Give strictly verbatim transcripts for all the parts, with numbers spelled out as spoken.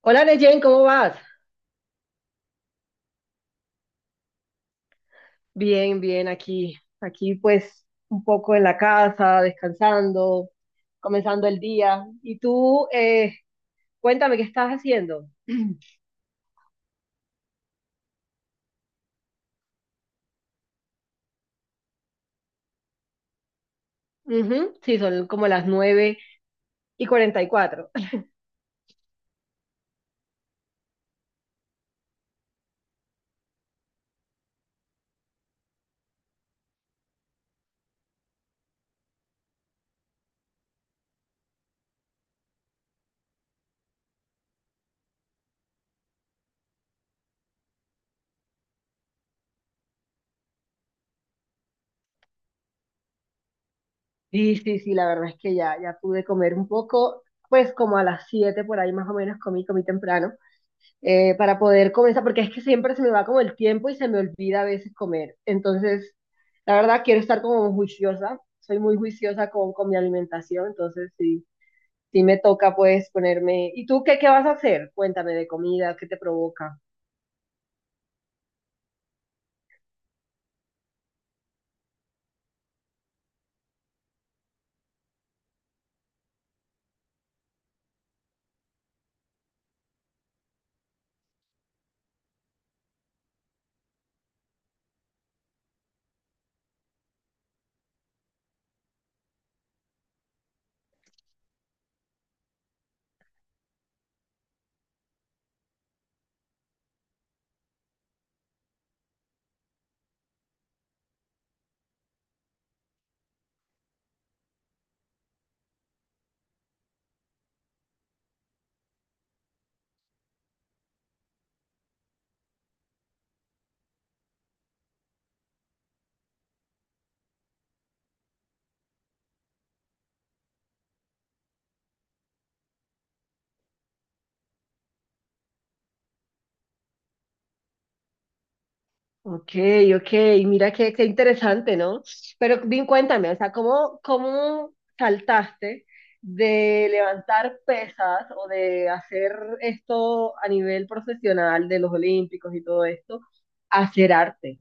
Hola Neyen, ¿cómo vas? Bien, bien, aquí, aquí pues un poco en la casa, descansando, comenzando el día. Y tú, eh, cuéntame qué estás haciendo. Ujú, sí, son como las nueve y cuarenta y cuatro. Sí, sí, sí, la verdad es que ya, ya pude comer un poco, pues como a las siete por ahí más o menos comí, comí temprano. eh, para poder comenzar, porque es que siempre se me va como el tiempo y se me olvida a veces comer. Entonces, la verdad, quiero estar como juiciosa, soy muy juiciosa con, con mi alimentación, entonces sí, sí me toca pues ponerme. ¿Y tú qué, qué vas a hacer? Cuéntame de comida, ¿qué te provoca? Ok, ok, mira qué, qué interesante, ¿no? Pero bien, cuéntame, o sea, ¿cómo, cómo saltaste de levantar pesas o de hacer esto a nivel profesional de los Olímpicos y todo esto a hacer arte?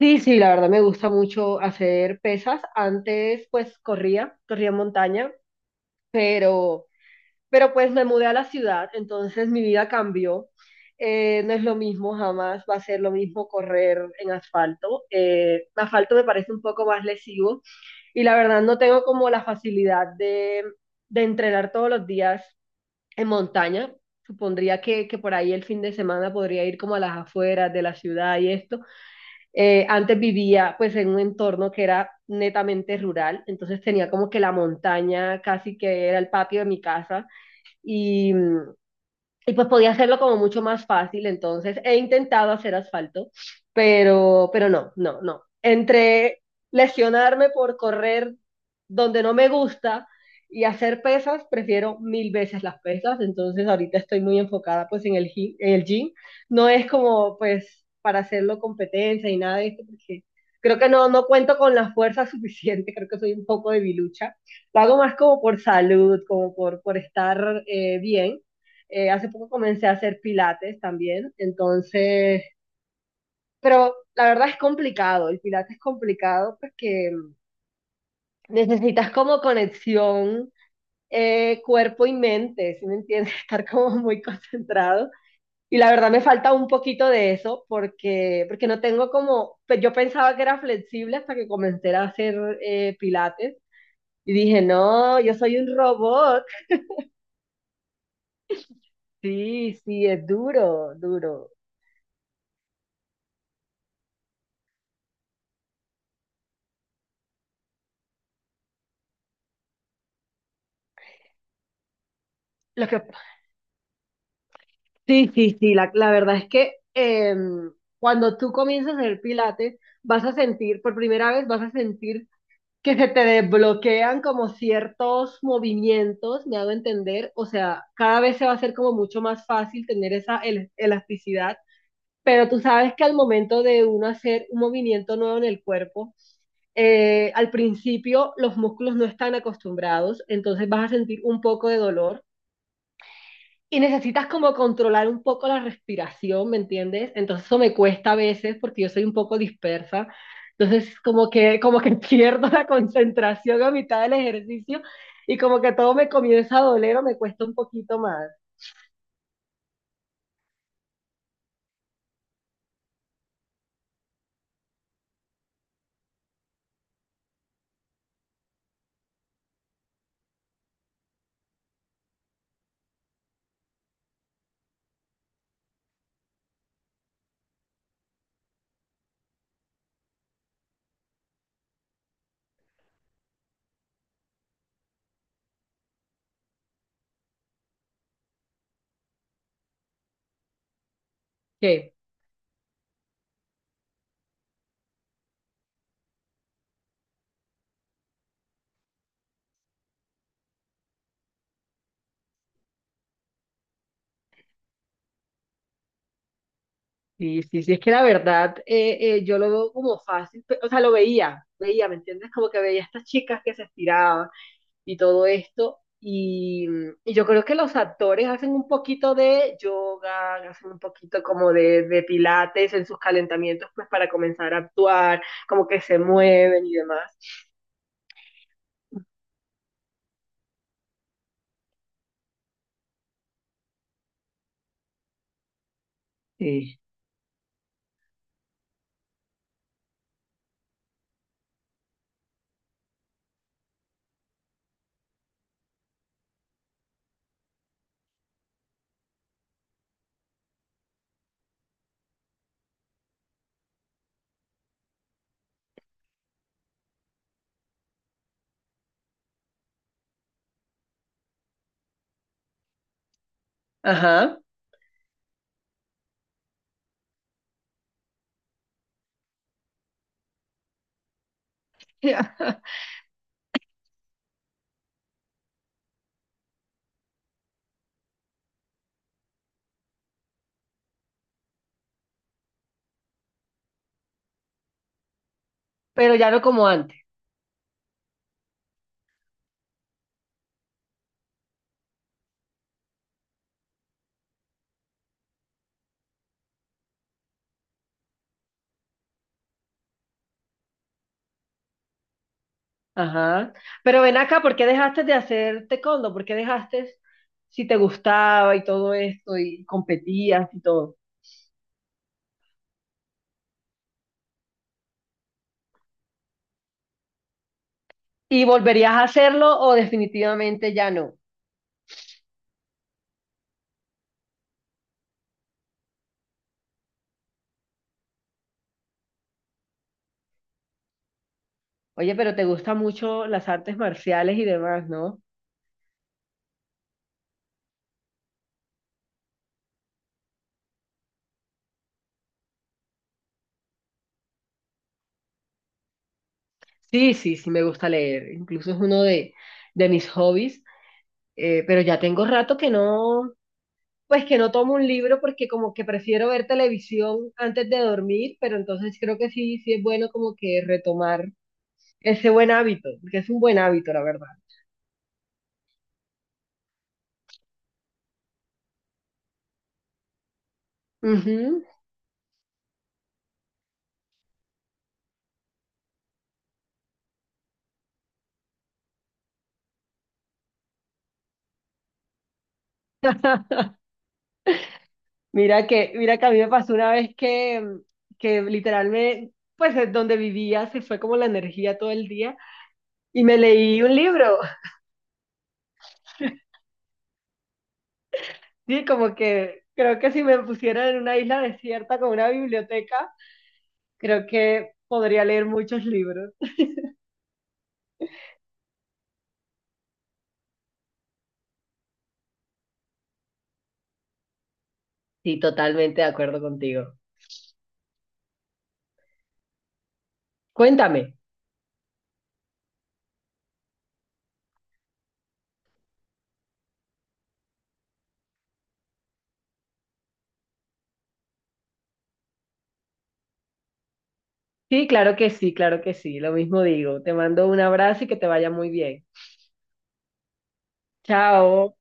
Sí, sí, la verdad me gusta mucho hacer pesas. Antes, pues, corría, corría montaña. Pero pues me mudé a la ciudad, entonces mi vida cambió. Eh, no es lo mismo jamás, va a ser lo mismo correr en asfalto. Eh, asfalto me parece un poco más lesivo y la verdad no tengo como la facilidad de, de entrenar todos los días en montaña. Supondría que, que por ahí el fin de semana podría ir como a las afueras de la ciudad y esto. Eh, antes vivía pues en un entorno que era netamente rural, entonces tenía como que la montaña casi que era el patio de mi casa y mm, y pues podía hacerlo como mucho más fácil, entonces he intentado hacer asfalto, pero, pero no, no, no. Entre lesionarme por correr donde no me gusta y hacer pesas, prefiero mil veces las pesas, entonces ahorita estoy muy enfocada pues en el, gi- en el gym. No es como pues para hacerlo competencia y nada de esto, porque creo que no, no cuento con la fuerza suficiente. Creo que soy un poco debilucha. Lo hago más como por salud, como por, por estar eh, bien. Eh, hace poco comencé a hacer pilates también. Entonces, pero la verdad es complicado, el pilates es complicado porque necesitas como conexión eh, cuerpo y mente, ¿sí me entiendes? Estar como muy concentrado. Y la verdad me falta un poquito de eso porque, porque no tengo como, pe- yo pensaba que era flexible hasta que comencé a hacer eh, pilates y dije, no, yo soy un robot. Sí, sí, es duro, duro. Lo que Sí, sí, sí, la, la verdad es que em, cuando tú comienzas a hacer pilates, vas a sentir, por primera vez vas a sentir que se te desbloquean como ciertos movimientos, me hago entender, o sea, cada vez se va a hacer como mucho más fácil tener esa el- elasticidad, pero tú sabes que al momento de uno hacer un movimiento nuevo en el cuerpo, eh, al principio los músculos no están acostumbrados, entonces vas a sentir un poco de dolor y necesitas como controlar un poco la respiración, ¿me entiendes? Entonces eso me cuesta a veces porque yo soy un poco dispersa. Entonces como que, como que pierdo la concentración a mitad del ejercicio y como que todo me comienza a doler o me cuesta un poquito más. ¿Qué? Sí, sí, sí, es que la verdad eh, eh, yo lo veo como fácil, pe- o sea, lo veía, veía, ¿me entiendes? Como que veía a estas chicas que se estiraban y todo esto. Y, y yo creo que los actores hacen un poquito de yoga, hacen un poquito como de, de pilates en sus calentamientos, pues para comenzar a actuar, como que se mueven y demás. Sí. Ajá. Pero ya no como antes. Ajá. Pero ven acá, ¿por qué dejaste de hacer taekwondo? ¿Por qué dejaste si te gustaba y todo esto y competías y todo? ¿Y volverías a hacerlo o definitivamente ya no? Oye, pero te gustan mucho las artes marciales y demás, ¿no? Sí, sí, sí, me gusta leer. Incluso es uno de, de mis hobbies. Eh, pero ya tengo rato que no, pues que no tomo un libro porque como que prefiero ver televisión antes de dormir, pero entonces creo que sí, sí es bueno como que retomar ese buen hábito, porque es un buen hábito, la verdad. Ujú. Mira que, mira que a mí me pasó una vez que, que literal me, pues es donde vivía se fue como la energía todo el día y me leí un libro. Sí, como que creo que si me pusieran en una isla desierta con una biblioteca, creo que podría leer muchos libros. Sí, totalmente de acuerdo contigo. Cuéntame. Sí, claro que sí, claro que sí, lo mismo digo. Te mando un abrazo y que te vaya muy bien. Chao.